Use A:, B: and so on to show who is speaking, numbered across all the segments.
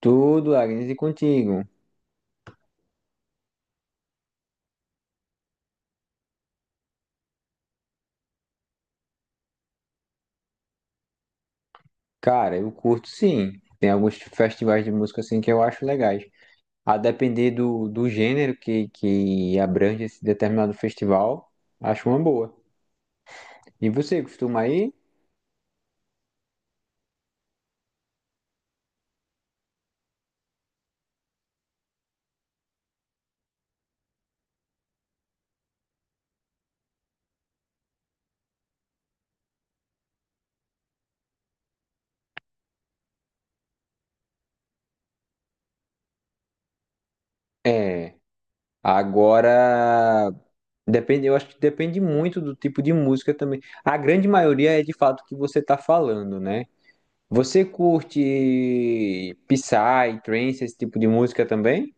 A: Tudo, Agnes, e contigo? Cara, eu curto sim. Tem alguns festivais de música assim que eu acho legais. A depender do gênero que abrange esse determinado festival, acho uma boa. E você, costuma ir? É. Agora, depende, eu acho que depende muito do tipo de música também. A grande maioria é de fato o que você está falando, né? Você curte Psy, Trance, esse tipo de música também?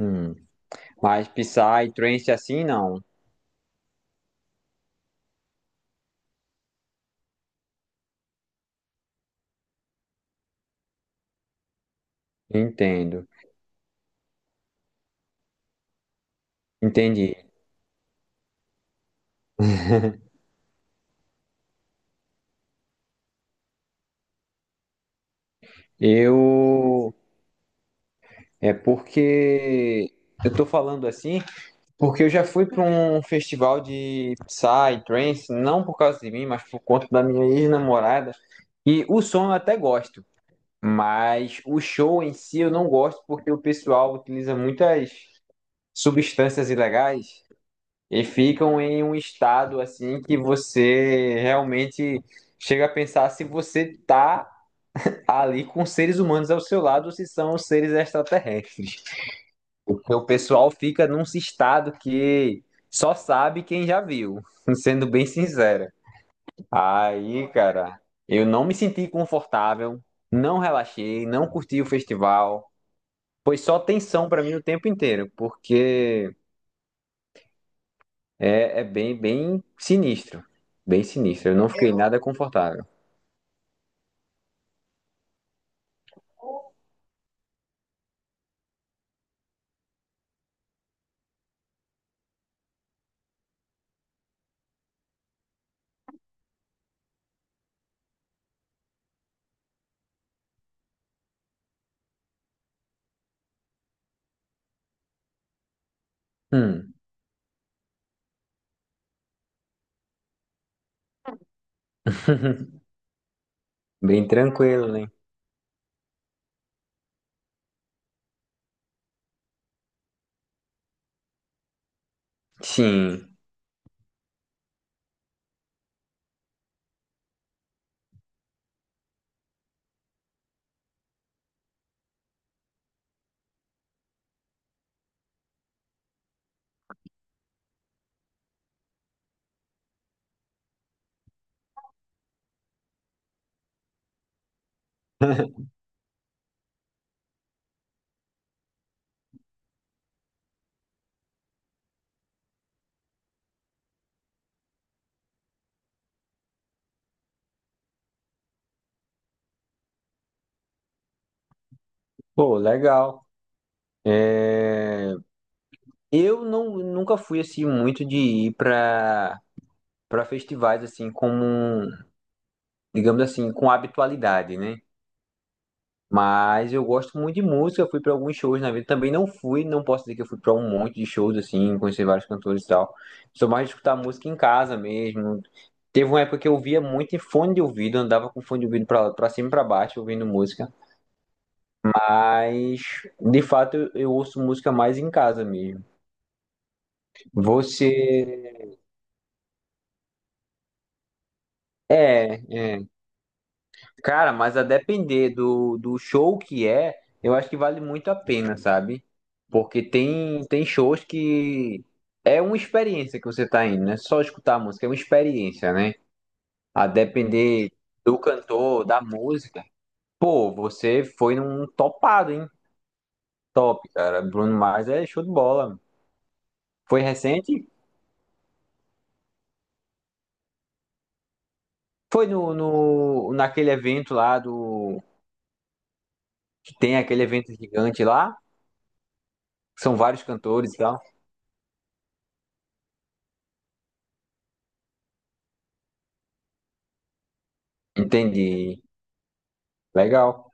A: Hum. Mas Psy, Trance assim, não. Entendo, entendi. Eu é porque eu tô falando assim, porque eu já fui para um festival de Psy, trance, não por causa de mim, mas por conta da minha ex-namorada. E o som eu até gosto, mas o show em si eu não gosto porque o pessoal utiliza muitas substâncias ilegais e ficam em um estado assim que você realmente chega a pensar se você tá ali com seres humanos ao seu lado, se são seres extraterrestres. Porque o pessoal fica num estado que só sabe quem já viu, sendo bem sincera. Aí, cara, eu não me senti confortável, não relaxei, não curti o festival. Foi só tensão pra mim o tempo inteiro, porque é, é bem, bem sinistro. Bem sinistro. Eu não fiquei nada confortável. Hum. Bem tranquilo, né? Sim. Pô, legal. Eu não, nunca fui assim muito de ir para festivais assim como, digamos assim, com habitualidade, né? Mas eu gosto muito de música, fui para alguns shows na vida. Também não fui, não posso dizer que eu fui para um monte de shows assim, conheci vários cantores e tal. Sou mais de escutar música em casa mesmo. Teve uma época que eu via muito em fone de ouvido, andava com fone de ouvido para cima e para baixo ouvindo música. Mas de fato eu ouço música mais em casa mesmo. Você é, é. Cara, mas a depender do show que é, eu acho que vale muito a pena, sabe? Porque tem, tem shows que é uma experiência que você tá indo, não é só escutar a música, é uma experiência, né? A depender do cantor, da música. Pô, você foi num topado, hein? Top, cara. Bruno Mars é show de bola. Foi recente? Foi no naquele evento lá do. Que tem aquele evento gigante lá. São vários cantores e tal. Entendi. Legal.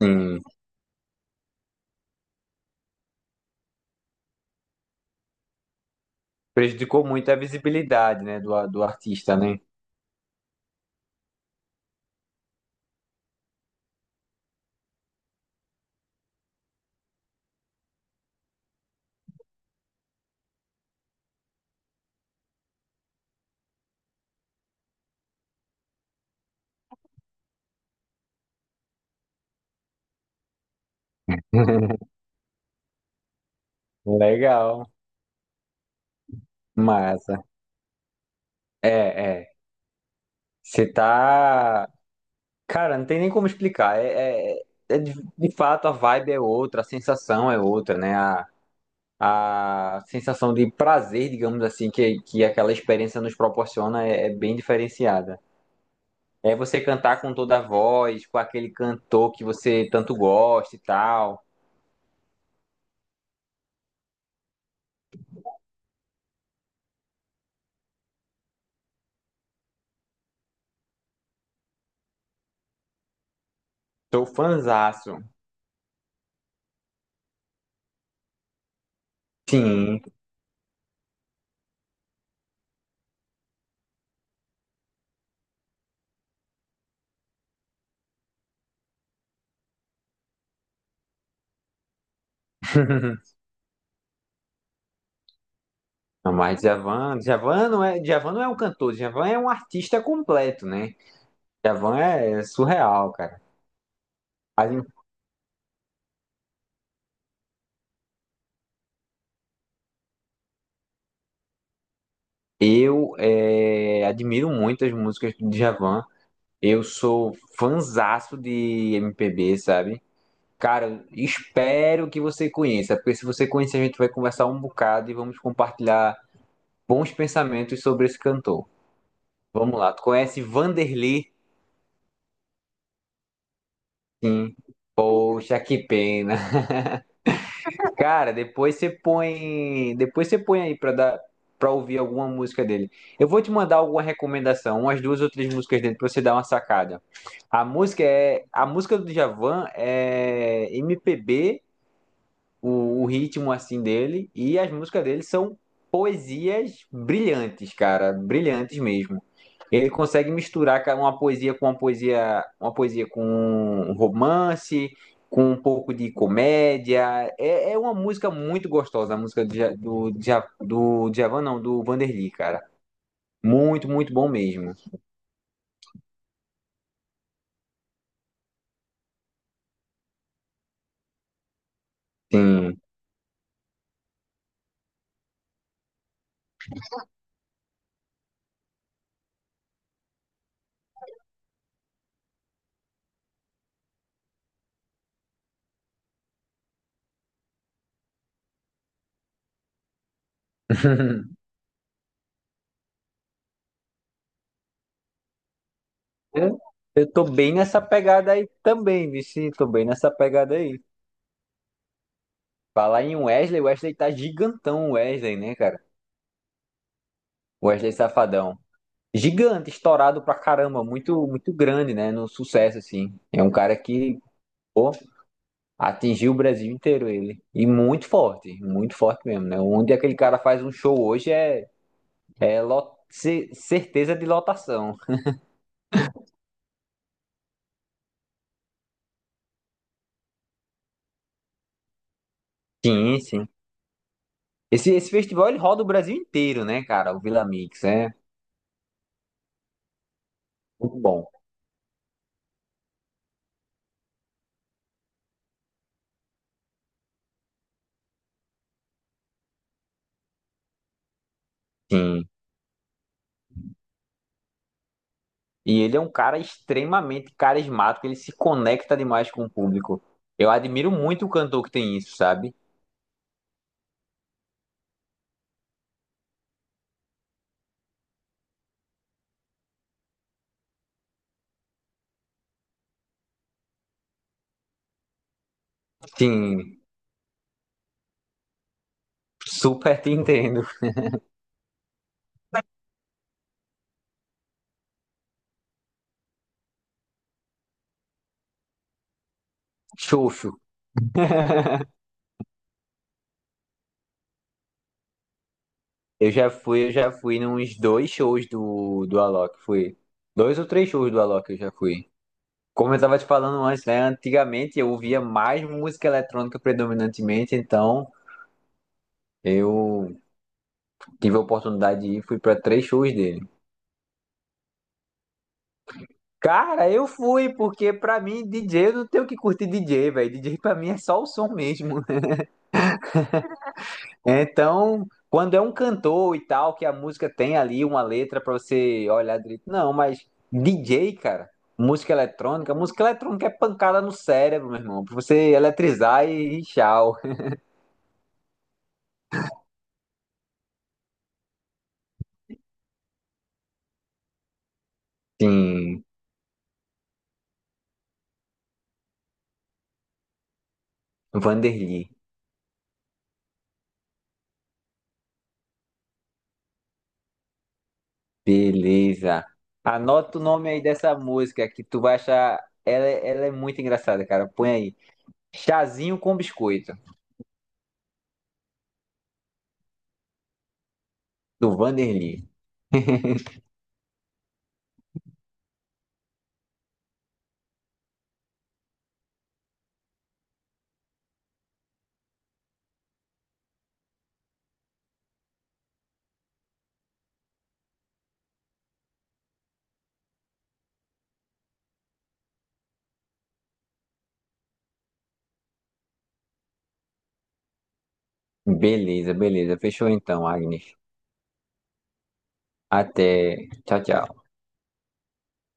A: Sim. Prejudicou muito a visibilidade, né, do artista, né? Legal, massa. É, é. Você tá. Cara, não tem nem como explicar. É, é de fato, a vibe é outra, a sensação é outra, né? A sensação de prazer, digamos assim, que aquela experiência nos proporciona é, é bem diferenciada. É você cantar com toda a voz, com aquele cantor que você tanto gosta e tal. Sou fãzaço. Sim. Não, mas Djavan não é um cantor, Djavan é um artista completo, né? Djavan é surreal, cara. A gente- Eu admiro muito as músicas do Djavan. Eu sou fanzaço de MPB, sabe? Cara, espero que você conheça, porque se você conhecer, a gente vai conversar um bocado e vamos compartilhar bons pensamentos sobre esse cantor. Vamos lá, tu conhece Vanderlei? Sim. Poxa, que pena. Cara, depois você põe aí pra dar, para ouvir alguma música dele. Eu vou te mandar alguma recomendação, umas duas ou três músicas dele para você dar uma sacada. A música é, a música do Djavan é MPB, o ritmo assim dele e as músicas dele são poesias brilhantes, cara, brilhantes mesmo. Ele consegue misturar cara, uma poesia com um romance, com um pouco de comédia. É, é uma música muito gostosa, a música do, do Djavan, não, do Vanderly, cara. Muito, muito bom mesmo. Sim. Eu, eu tô bem nessa pegada aí também, Vici. Tô bem nessa pegada aí. Falar em Wesley, o Wesley tá gigantão, o Wesley, né, cara? O Wesley Safadão. Gigante, estourado pra caramba, muito, muito grande, né? No sucesso, assim. É um cara que, pô, atingiu o Brasil inteiro ele. E muito forte mesmo, né? Onde aquele cara faz um show hoje é, certeza de lotação. Sim, sim. Esse festival ele roda o Brasil inteiro, né, cara? O Vila Mix, é muito bom. Sim. E ele é um cara extremamente carismático, ele se conecta demais com o público. Eu admiro muito o cantor que tem isso, sabe? Sim, super te entendo. Xoxo. Eu já fui nos dois shows do Alok. Fui. Dois ou três shows do Alok eu já fui. Como eu tava te falando antes, né? Antigamente eu ouvia mais música eletrônica predominantemente, então eu tive a oportunidade de ir, fui para três shows dele. Cara, eu fui, porque pra mim, DJ, eu não tenho que curtir DJ, velho. DJ pra mim é só o som mesmo. Então, quando é um cantor e tal, que a música tem ali uma letra pra você olhar direito. Não, mas DJ, cara, música eletrônica é pancada no cérebro, meu irmão. Pra você eletrizar e tchau. Sim, Vanderly. Beleza. Anota o nome aí dessa música que tu vai achar. Ela é muito engraçada, cara. Põe aí. Chazinho com biscoito. Do Vanderlei. Beleza, beleza. Fechou então, Agnes. Até. Tchau, tchau.